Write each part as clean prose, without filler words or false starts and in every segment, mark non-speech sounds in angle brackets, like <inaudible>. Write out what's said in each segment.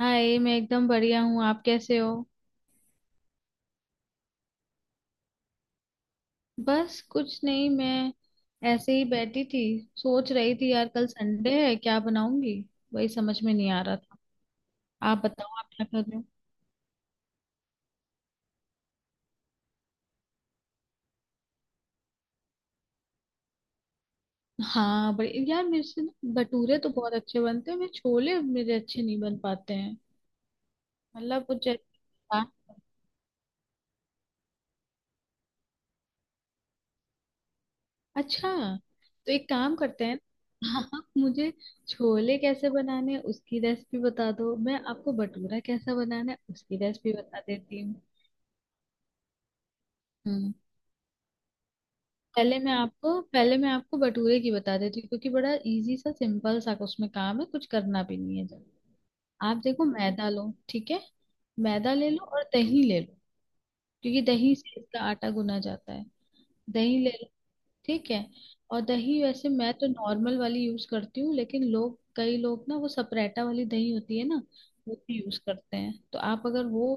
हाय, मैं एकदम बढ़िया हूँ। आप कैसे हो? बस कुछ नहीं, मैं ऐसे ही बैठी थी। सोच रही थी यार, कल संडे है, क्या बनाऊंगी, वही समझ में नहीं आ रहा था। आप बताओ, आप क्या कर रहे हो? हाँ बड़े यार, मेरे से ना भटूरे तो बहुत अच्छे बनते हैं, मेरे छोले मेरे अच्छे नहीं बन पाते हैं। मतलब कुछ जैसे- अच्छा, तो एक काम करते हैं, आप मुझे छोले कैसे बनाने हैं उसकी रेसिपी बता दो, मैं आपको भटूरा कैसा बनाना है उसकी रेसिपी बता देती हूँ। हम्म। पहले मैं आपको भटूरे की बता देती हूँ, क्योंकि बड़ा इजी सा सिंपल सा उसमें काम है, कुछ करना भी नहीं है। जब आप देखो, मैदा लो, ठीक है। मैदा ले लो और दही ले लो, क्योंकि दही से इसका आटा गुना जाता है। दही ले लो, ठीक है। और दही वैसे मैं तो नॉर्मल वाली यूज करती हूँ, लेकिन लोग, कई लोग ना, वो सपरेटा वाली दही होती है ना, वो भी यूज करते हैं। तो आप अगर वो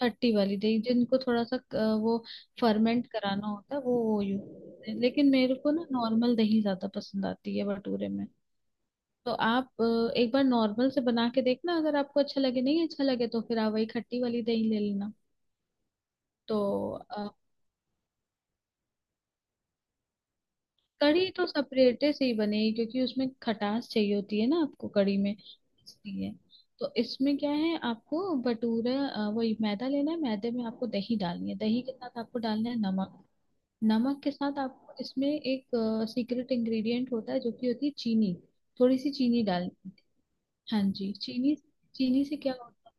खट्टी वाली दही, जिनको थोड़ा सा वो फर्मेंट कराना होता है, वो यूज करते हैं, लेकिन मेरे को ना नॉर्मल दही ज्यादा पसंद आती है भटूरे में। तो आप एक बार नॉर्मल से बना के देखना, अगर आपको अच्छा लगे नहीं अच्छा लगे, तो फिर आप वही खट्टी वाली दही ले लेना। तो अ, कढ़ी तो सेपरेटे से ही बनेगी, क्योंकि उसमें खटास चाहिए होती है ना आपको कढ़ी में, इसलिए। तो इसमें क्या है, आपको भटूरा वही मैदा लेना है, मैदे में आपको दही डालनी है, दही के साथ आपको डालना है नमक। नमक के साथ आपको इसमें एक सीक्रेट इंग्रेडिएंट होता है, जो कि होती है चीनी। थोड़ी सी चीनी डालनी है। हाँ जी, चीनी। चीनी से क्या होता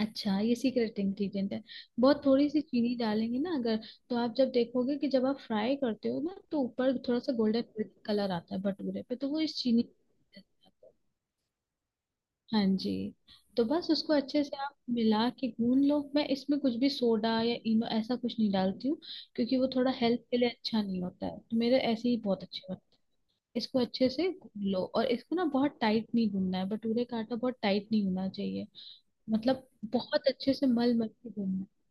है, अच्छा, ये सीक्रेट इंग्रेडिएंट है। बहुत थोड़ी सी चीनी डालेंगे ना अगर, तो आप जब देखोगे कि जब आप फ्राई करते हो ना, तो ऊपर थोड़ा सा गोल्डन कलर आता है भटूरे पे, तो वो इस चीनी। हाँ जी। तो बस उसको अच्छे से आप मिला के गून लो। मैं इसमें कुछ भी सोडा या इनो ऐसा कुछ नहीं डालती हूँ, क्योंकि वो थोड़ा हेल्थ के लिए अच्छा नहीं होता है। तो मेरे ऐसे ही बहुत अच्छे बनते हैं। इसको अच्छे से गून लो, और इसको ना बहुत टाइट नहीं गूनना है, भटूरे का आटा बहुत टाइट नहीं होना चाहिए। मतलब बहुत अच्छे से मल मल के गूनना है।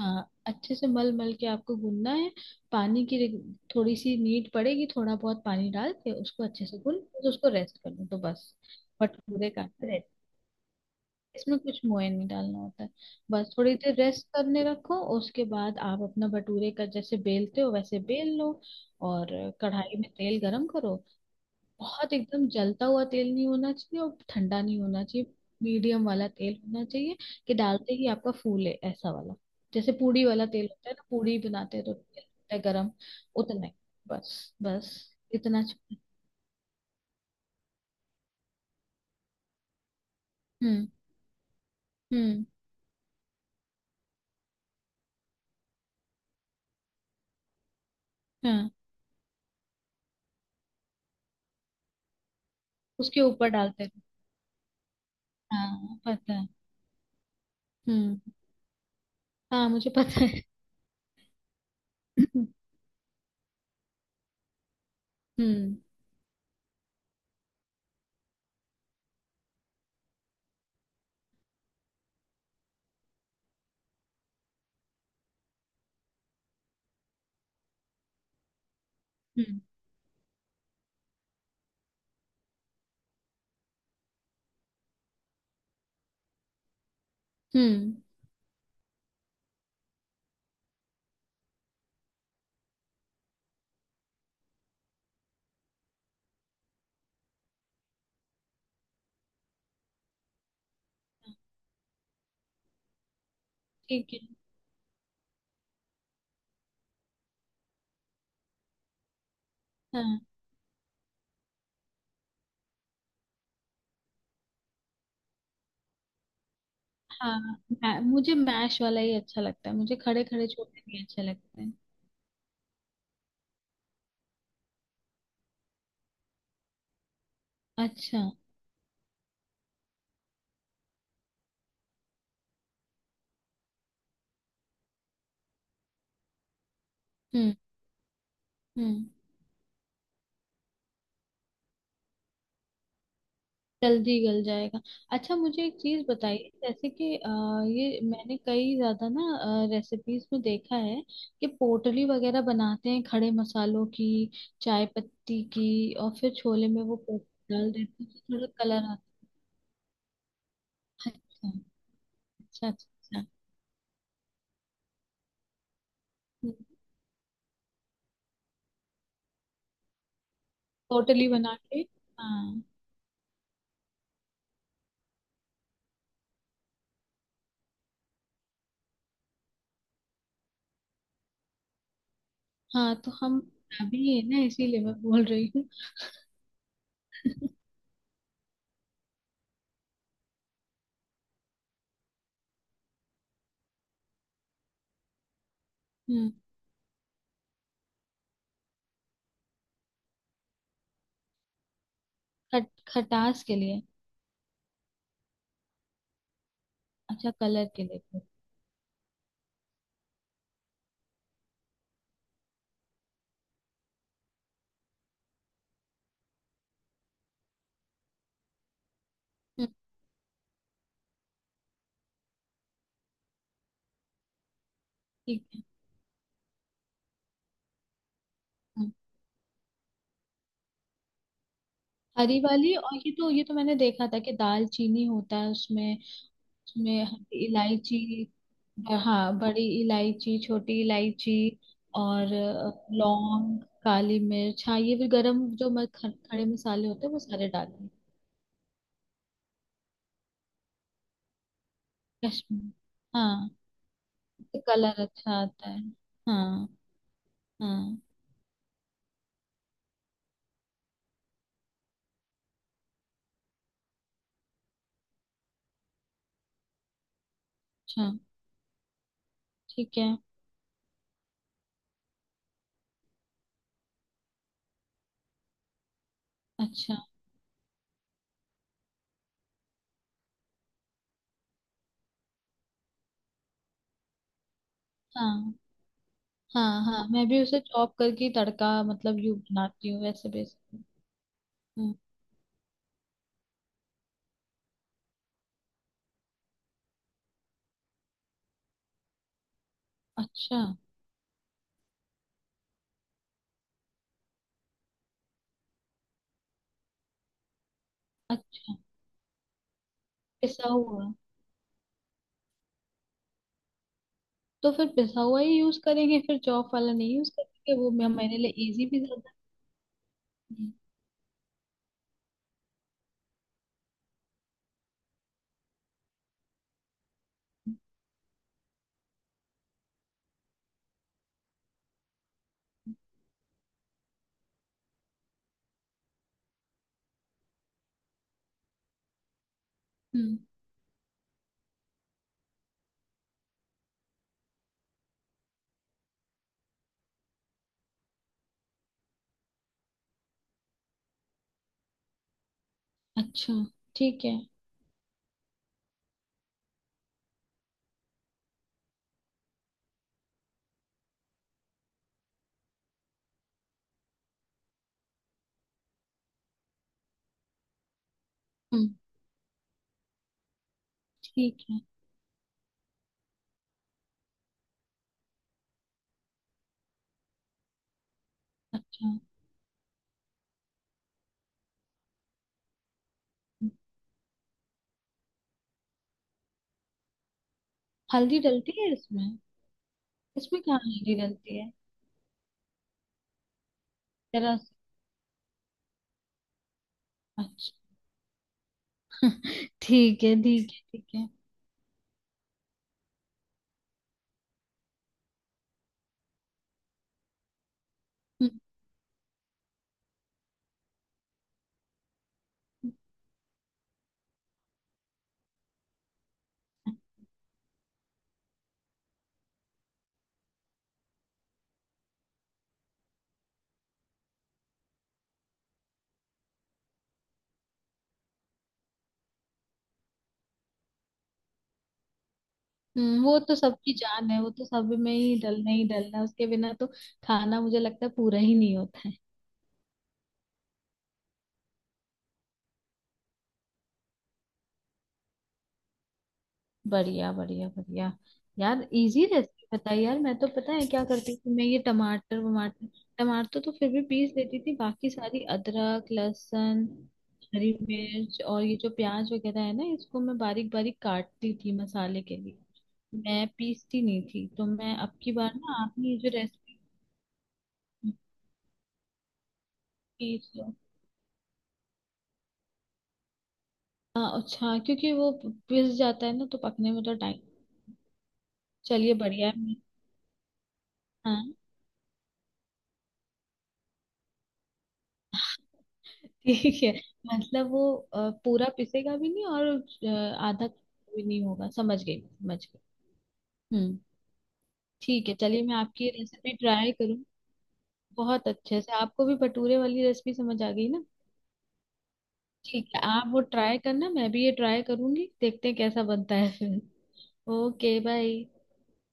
हाँ, अच्छे से मल मल के आपको गूनना है। पानी की रिक- थोड़ी सी नीड पड़ेगी, थोड़ा बहुत पानी डाल के उसको अच्छे से गून, फिर उसको रेस्ट कर लो, तो बस भटूरे का आटा ready। इसमें कुछ मोयन नहीं डालना होता है। बस थोड़ी देर रेस्ट करने रखो, उसके बाद आप अपना भटूरे का जैसे बेलते हो वैसे बेल लो। और कढ़ाई में तेल गरम करो। बहुत एकदम जलता हुआ तेल नहीं होना चाहिए, और ठंडा नहीं होना चाहिए। मीडियम वाला तेल होना चाहिए, कि डालते ही आपका फूले ऐसा वाला। जैसे पूड़ी वाला तेल होता है ना, पूड़ी बनाते हैं तो तेल होता है गरम, उतना ही, बस बस इतना चाहिए। हम्म। हम्म। हाँ, उसके ऊपर डालते हैं। हाँ, पता है। हम्म, हाँ, मुझे पता है। हम्म। हम्म। हम्म। हम्म। ठीक है। हाँ हाँ, मै- मुझे मैश वाला ही अच्छा लगता है, मुझे खड़े खड़े छोले भी अच्छे लगते हैं। अच्छा। हम्म। हम्म। जल्दी गल जाएगा। अच्छा, मुझे एक चीज बताइए, जैसे कि ये मैंने कई ज्यादा ना रेसिपीज में देखा है, कि पोटली वगैरह बनाते हैं खड़े मसालों की, चाय पत्ती की, और फिर छोले में वो पोटली डाल देते हैं, तो थोड़ा कलर आता है। अच्छा, अच्छा, अच्छा। अच्छा। हम्म, पोटली बना के। हाँ हाँ, तो हम अभी है ना, इसीलिए मैं बोल रही हूँ। <laughs> हम्म, खट, खटास के लिए। अच्छा, कलर के लिए। हम्म। ठीक है। हम्म, हरी वाली। और ये तो, ये तो मैंने देखा था कि दाल चीनी होता है उसमें। उसमें हरी इलायची, ब- हाँ, बड़ी इलायची, छोटी इलायची और लौंग, काली मिर्च। हाँ, ये भी गरम जो म- ख- खड़े मसाले होते हैं वो सारे डालने। कश्मीरी, हाँ, तो कलर अच्छा आता है। हाँ। हाँ अच्छा, ठीक है। अच्छा। हाँ हाँ, हाँ मैं भी उसे चॉप करके तड़का मतलब यूं बनाती हूँ वैसे बेसिकली। हम्म। अच्छा। अच्छा, पिसा हुआ। तो फिर पिसा हुआ ही यूज करेंगे, फिर चॉप वाला नहीं यूज करेंगे, वो मैं, मेरे लिए इजी भी ज्यादा। हम्म। हम्म। हम्म। अच्छा, ठीक है। हम्म। ठीक है। अच्छा। हम्म, हल्दी डलती है इसमें? इसमें कहाँ हल्दी डलती है? जरा सा- अच्छा, ठीक है, ठीक है, ठीक है। हम्म। हम्म। हम्म, वो तो सबकी जान है, वो तो सब में ही डलना है, उसके बिना तो खाना मुझे लगता है पूरा ही नहीं होता है। बढ़िया, बढ़िया, बढ़िया। यार इजी रेसिपी बताई यार, मैं तो पता है क्या करती थी, मैं ये टमाटर वमाटर, टमाटर तो फिर भी पीस देती थी, बाकी सारी अदरक, लहसुन, हरी मिर्च, और ये जो प्याज वगैरह है ना, इसको मैं बारीक बारीक काटती थी मसाले के लिए। मैं पीसती नहीं थी, तो मैं अब की बार ना आपने ये जो रेसिपी। हाँ अच्छा, क्योंकि वो पिस जाता है ना तो पकने में तो टाइम। चलिए, बढ़िया है, मैं- हाँ, ठीक है। मतलब वो पूरा पिसेगा भी नहीं और आधा भी नहीं होगा, समझ गई, समझ गई। हम्म। ठीक है, चलिए, मैं आपकी रेसिपी ट्राई करूँ। बहुत अच्छे से, आपको भी भटूरे वाली रेसिपी समझ आ गई ना? ठीक है, आप वो ट्राई करना, मैं भी ये ट्राई करूंगी, देखते हैं कैसा बनता है फिर। Okay bye.